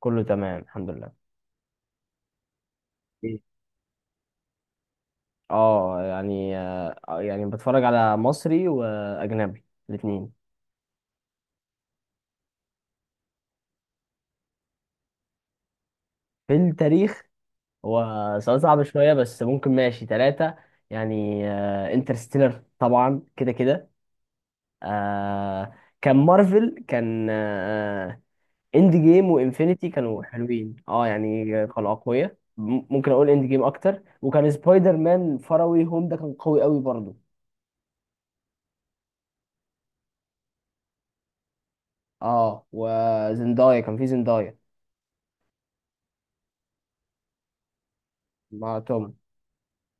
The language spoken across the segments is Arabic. كله تمام الحمد لله. إيه؟ اه يعني آه يعني بتفرج على مصري واجنبي، الاثنين. في التاريخ؟ هو سؤال صعب شويه بس ممكن، ماشي ثلاثه. يعني انترستيلر طبعا كده كده. آه كان مارفل، كان اند جيم وانفينيتي، كانوا حلوين، اه يعني كانوا اقوياء. ممكن اقول اند جيم اكتر. وكان سبايدر مان فروي هوم ده كان قوي قوي برضه. اه وزندايا، كان في زندايا مع توم.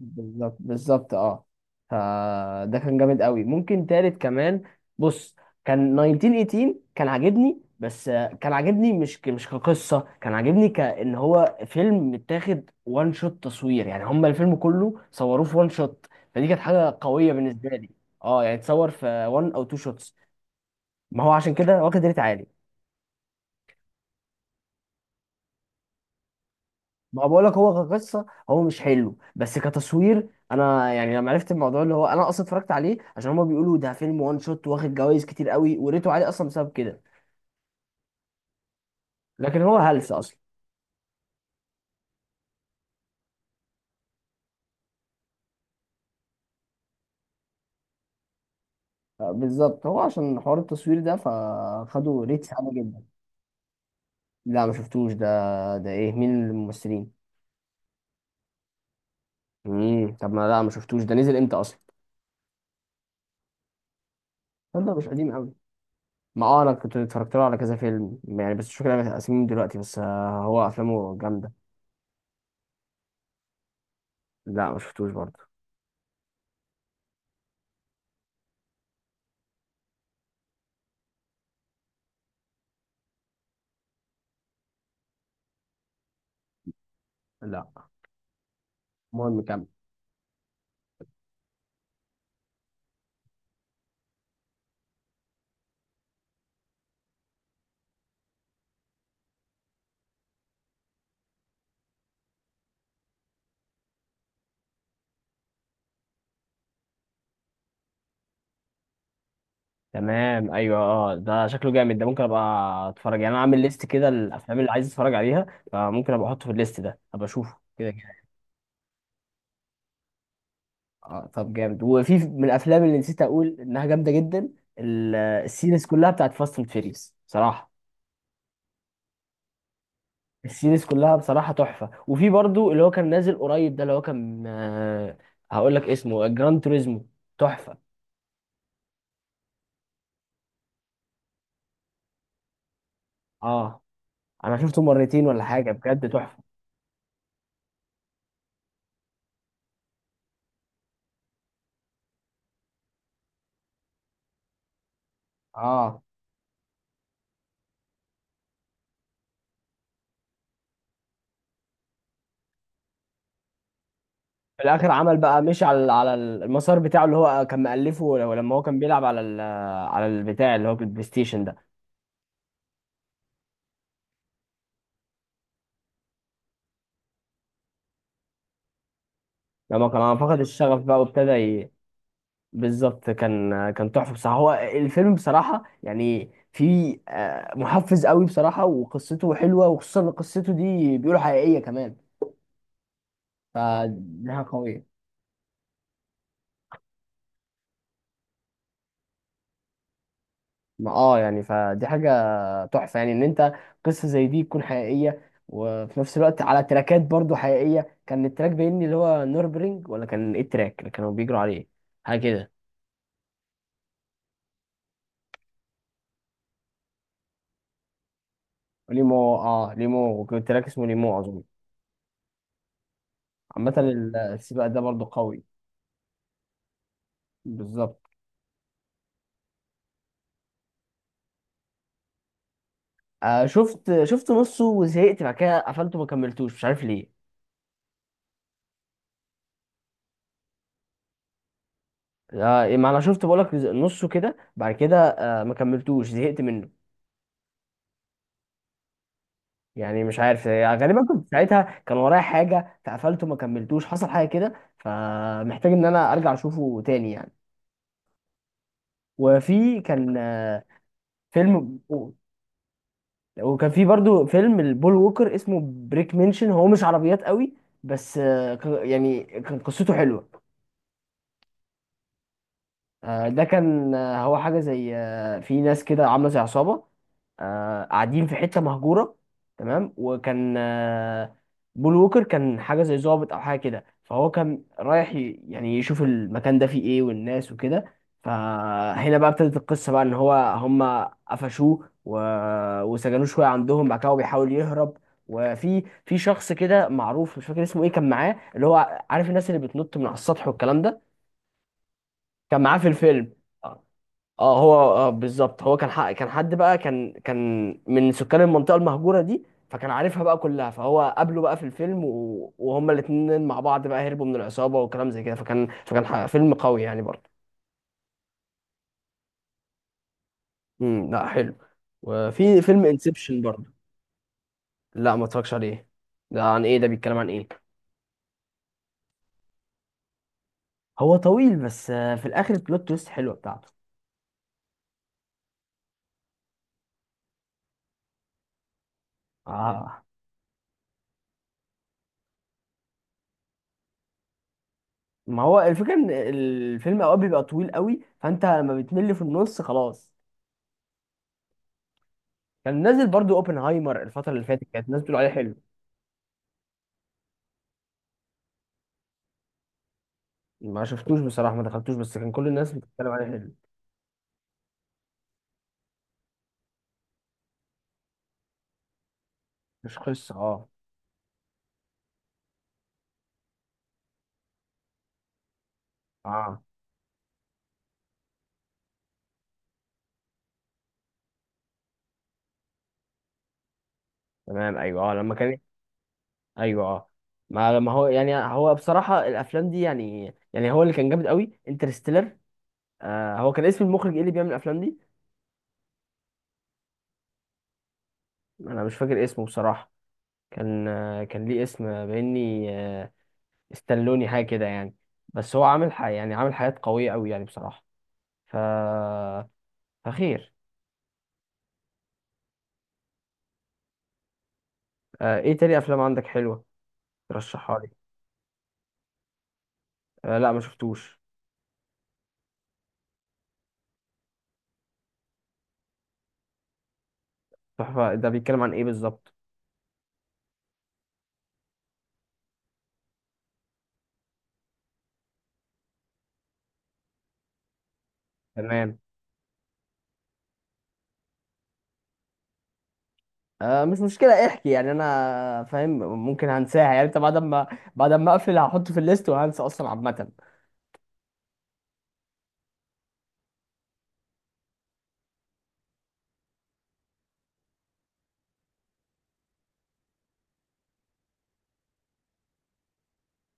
بالظبط بالظبط، اه. فده كان جامد قوي. ممكن تالت كمان، بص، كان 1918، كان عاجبني بس كان عاجبني مش مش كقصة. كان عاجبني كأن هو فيلم متاخد وان شوت تصوير، يعني هما الفيلم كله صوروه في وان شوت. فدي كانت حاجة قوية بالنسبة لي. اه يعني اتصور في وان او تو شوتس. ما هو عشان كده واخد ريت عالي. ما بقول لك، هو كقصه هو مش حلو بس كتصوير، انا يعني لما عرفت الموضوع، اللي هو انا اصلا اتفرجت عليه عشان هما بيقولوا ده فيلم وان شوت واخد جوائز كتير قوي، وريته عليه اصلا بسبب كده. لكن هو هلس اصلا. بالظبط، هو عشان حوار التصوير ده فخدوا ريتس عالي جدا. لا ما شفتوش ده. ده ايه؟ مين الممثلين؟ امم، طب ما لا ما شفتوش ده. نزل امتى اصلا؟ طب ده مش قديم قوي. ما اه انا كنت اتفرجت له على كذا فيلم يعني، بس مش فاكر اسمهم دلوقتي. بس هو افلامه جامده. لا ما شفتوش برضه. لا. المهم كمل. تمام ايوه اه، ده شكله جامد، ده ممكن ابقى اتفرج يعني. انا عامل ليست كده الافلام اللي عايز اتفرج عليها، فممكن ابقى احطه في الليست ده ابقى اشوفه كده كده. اه طب جامد. وفي من الافلام اللي نسيت اقول انها جامده جدا، السيريز كلها بتاعت فاست اند فيريس بصراحه. السيريز كلها بصراحه تحفه. وفي برضو اللي هو كان نازل قريب ده، اللي هو كان هقول لك اسمه، جراند توريزمو، تحفه. اه انا شفته مرتين ولا حاجه، بجد تحفه. اه، في الاخر عمل بقى مشي على على المسار بتاعه اللي هو كان مألفه، لما هو كان بيلعب على على البتاع اللي هو البلاي ستيشن ده. لما كان فقد الشغف بقى وابتدى بالظبط. كان كان تحفه بصراحه. هو الفيلم بصراحه يعني، في محفز قوي بصراحه، وقصته حلوه، وخصوصا ان قصته دي بيقولوا حقيقيه كمان. فدي حاجه قويه. ما اه يعني فدي حاجة تحفة، يعني ان انت قصة زي دي تكون حقيقية وفي نفس الوقت على تراكات برضو حقيقية. كان التراك باين لي اللي هو نوربرينج، ولا كان ايه التراك اللي كانوا بيجروا عليه؟ حاجة كده. ليمو، اه ليمو، وكان التراك اسمه ليمو اظن. عامة السباق ده برضو قوي. بالظبط. آه شفت نصه وزهقت، بعد كده قفلته ما كملتوش، مش عارف ليه. آه ما انا شفت بقولك نصه كده، بعد كده آه ما كملتوش، زهقت منه. يعني مش عارف يعني، غالبا كنت ساعتها كان ورايا حاجه فقفلته ما كملتوش، حصل حاجه كده، فمحتاج ان انا ارجع اشوفه تاني يعني. وفي كان فيلم. وكان في برضو فيلم البول ووكر اسمه بريك منشن، هو مش عربيات قوي بس يعني كان قصته حلوه. ده كان هو حاجة زي في ناس كده عاملة زي عصابة، قاعدين في حتة مهجورة، تمام. وكان بول ووكر كان حاجة زي ضابط أو حاجة كده، فهو كان رايح يعني يشوف المكان ده فيه إيه والناس وكده. فهنا بقى ابتدت القصة بقى، إن هو هما قفشوه و... وسجنوه شوية عندهم. بعد كده هو بيحاول يهرب، وفي شخص كده معروف مش فاكر اسمه إيه، كان معاه، اللي هو عارف الناس اللي بتنط من على السطح والكلام ده. كان معاه في الفيلم. آه. اه هو آه بالظبط، هو كان حق، كان حد بقى، كان من سكان المنطقه المهجوره دي، فكان عارفها بقى كلها. فهو قابله بقى في الفيلم، و... وهما الاتنين مع بعض بقى هربوا من العصابه وكلام زي كده. فيلم قوي يعني برضه. لا حلو. وفي فيلم انسبشن برضه. لا ما اتفرجش عليه. ده عن ايه؟ ده بيتكلم عن ايه؟ هو طويل بس في الاخر البلوت تويست حلوه بتاعته. اه ما هو الفكره ان الفيلم اوقات بيبقى طويل قوي، فانت لما بتمل في النص خلاص. كان نازل برضو اوبنهايمر الفترة اللي فاتت، كانت الناس بتقول عليه حلو. ما شفتوش بصراحة، ما دخلتوش، بس كان كل الناس بتتكلم عليه حلو. مش قصة اه. اه تمام ايوه اه، لما كان. ايوه اه. ما هو يعني، هو بصراحة الافلام دي يعني، يعني هو اللي كان جامد قوي انترستيلر. آه هو كان اسم المخرج ايه اللي بيعمل الافلام دي؟ انا مش فاكر اسمه بصراحة. كان آه كان ليه اسم باني، آه استلوني حاجة كده يعني. بس هو عامل حاجة يعني، عامل حاجات قوية قوي يعني بصراحة. ف فخير. آه ايه تاني افلام عندك حلوة ترشحها لي؟ آه لا ما شفتوش. تحفة، ده بيتكلم عن ايه بالظبط؟ تمام. آه مش مشكلة احكي، يعني انا فاهم، ممكن هنساها يعني. انت بعد ما بعد ما اقفل هحطه في الليست وهنسى اصلا عامة.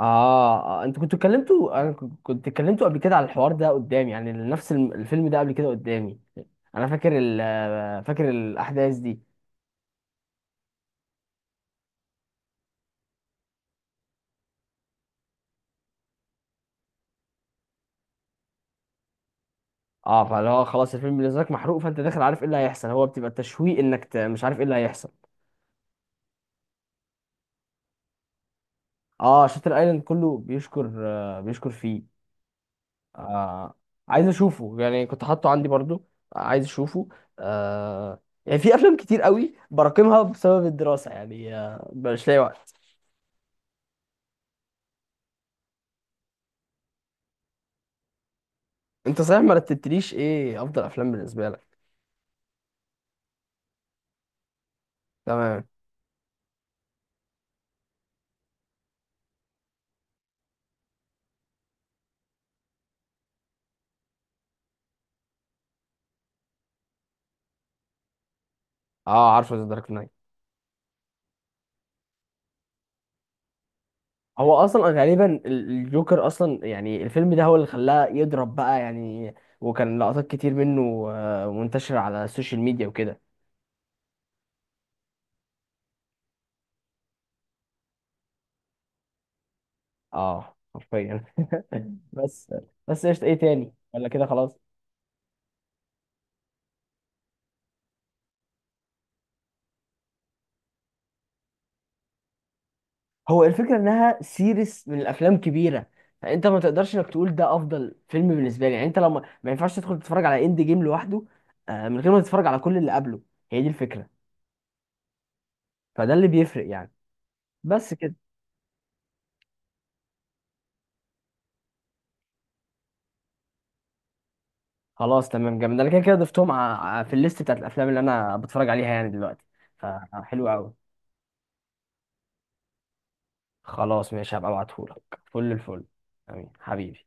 اه. انتوا كنتوا اتكلمتوا، انا كنت اتكلمتوا قبل كده على الحوار ده قدامي، يعني نفس الفيلم ده قبل كده قدامي. انا فاكر ال فاكر الاحداث دي. اه فاللي هو خلاص الفيلم بالنسبة لك محروق، فانت داخل عارف ايه اللي هيحصل. هو بتبقى التشويق انك مش عارف ايه اللي هيحصل. اه شاتر ايلاند كله بيشكر، بيشكر فيه. آه عايز اشوفه يعني، كنت حاطه عندي برضو، عايز اشوفه. آه يعني في افلام كتير قوي براكمها بسبب الدراسه يعني، آه مش لاقي وقت. انت صحيح ما رتبتليش ايه افضل افلام بالنسبه لك. تمام. اه عارفه ذا دارك نايت. هو اصلا غالبا الجوكر اصلا يعني الفيلم ده هو اللي خلاه يضرب بقى يعني. وكان لقطات كتير منه منتشره على السوشيال ميديا وكده. اه حرفيا بس. بس ايش، ايه تاني ولا كده خلاص؟ هو الفكرة انها سيريس من الافلام كبيرة، فانت ما تقدرش انك تقول ده افضل فيلم بالنسبة لي يعني. انت لو ما ينفعش تدخل تتفرج على اند جيم لوحده من غير ما تتفرج على كل اللي قبله. هي دي الفكرة، فده اللي بيفرق يعني. بس كده. خلاص تمام جامد، انا كده كده ضفتهم في الليست بتاعت الافلام اللي انا بتفرج عليها يعني دلوقتي. فحلو قوي. خلاص ماشي، هبقى ابعتهولك فل الفل. امين حبيبي.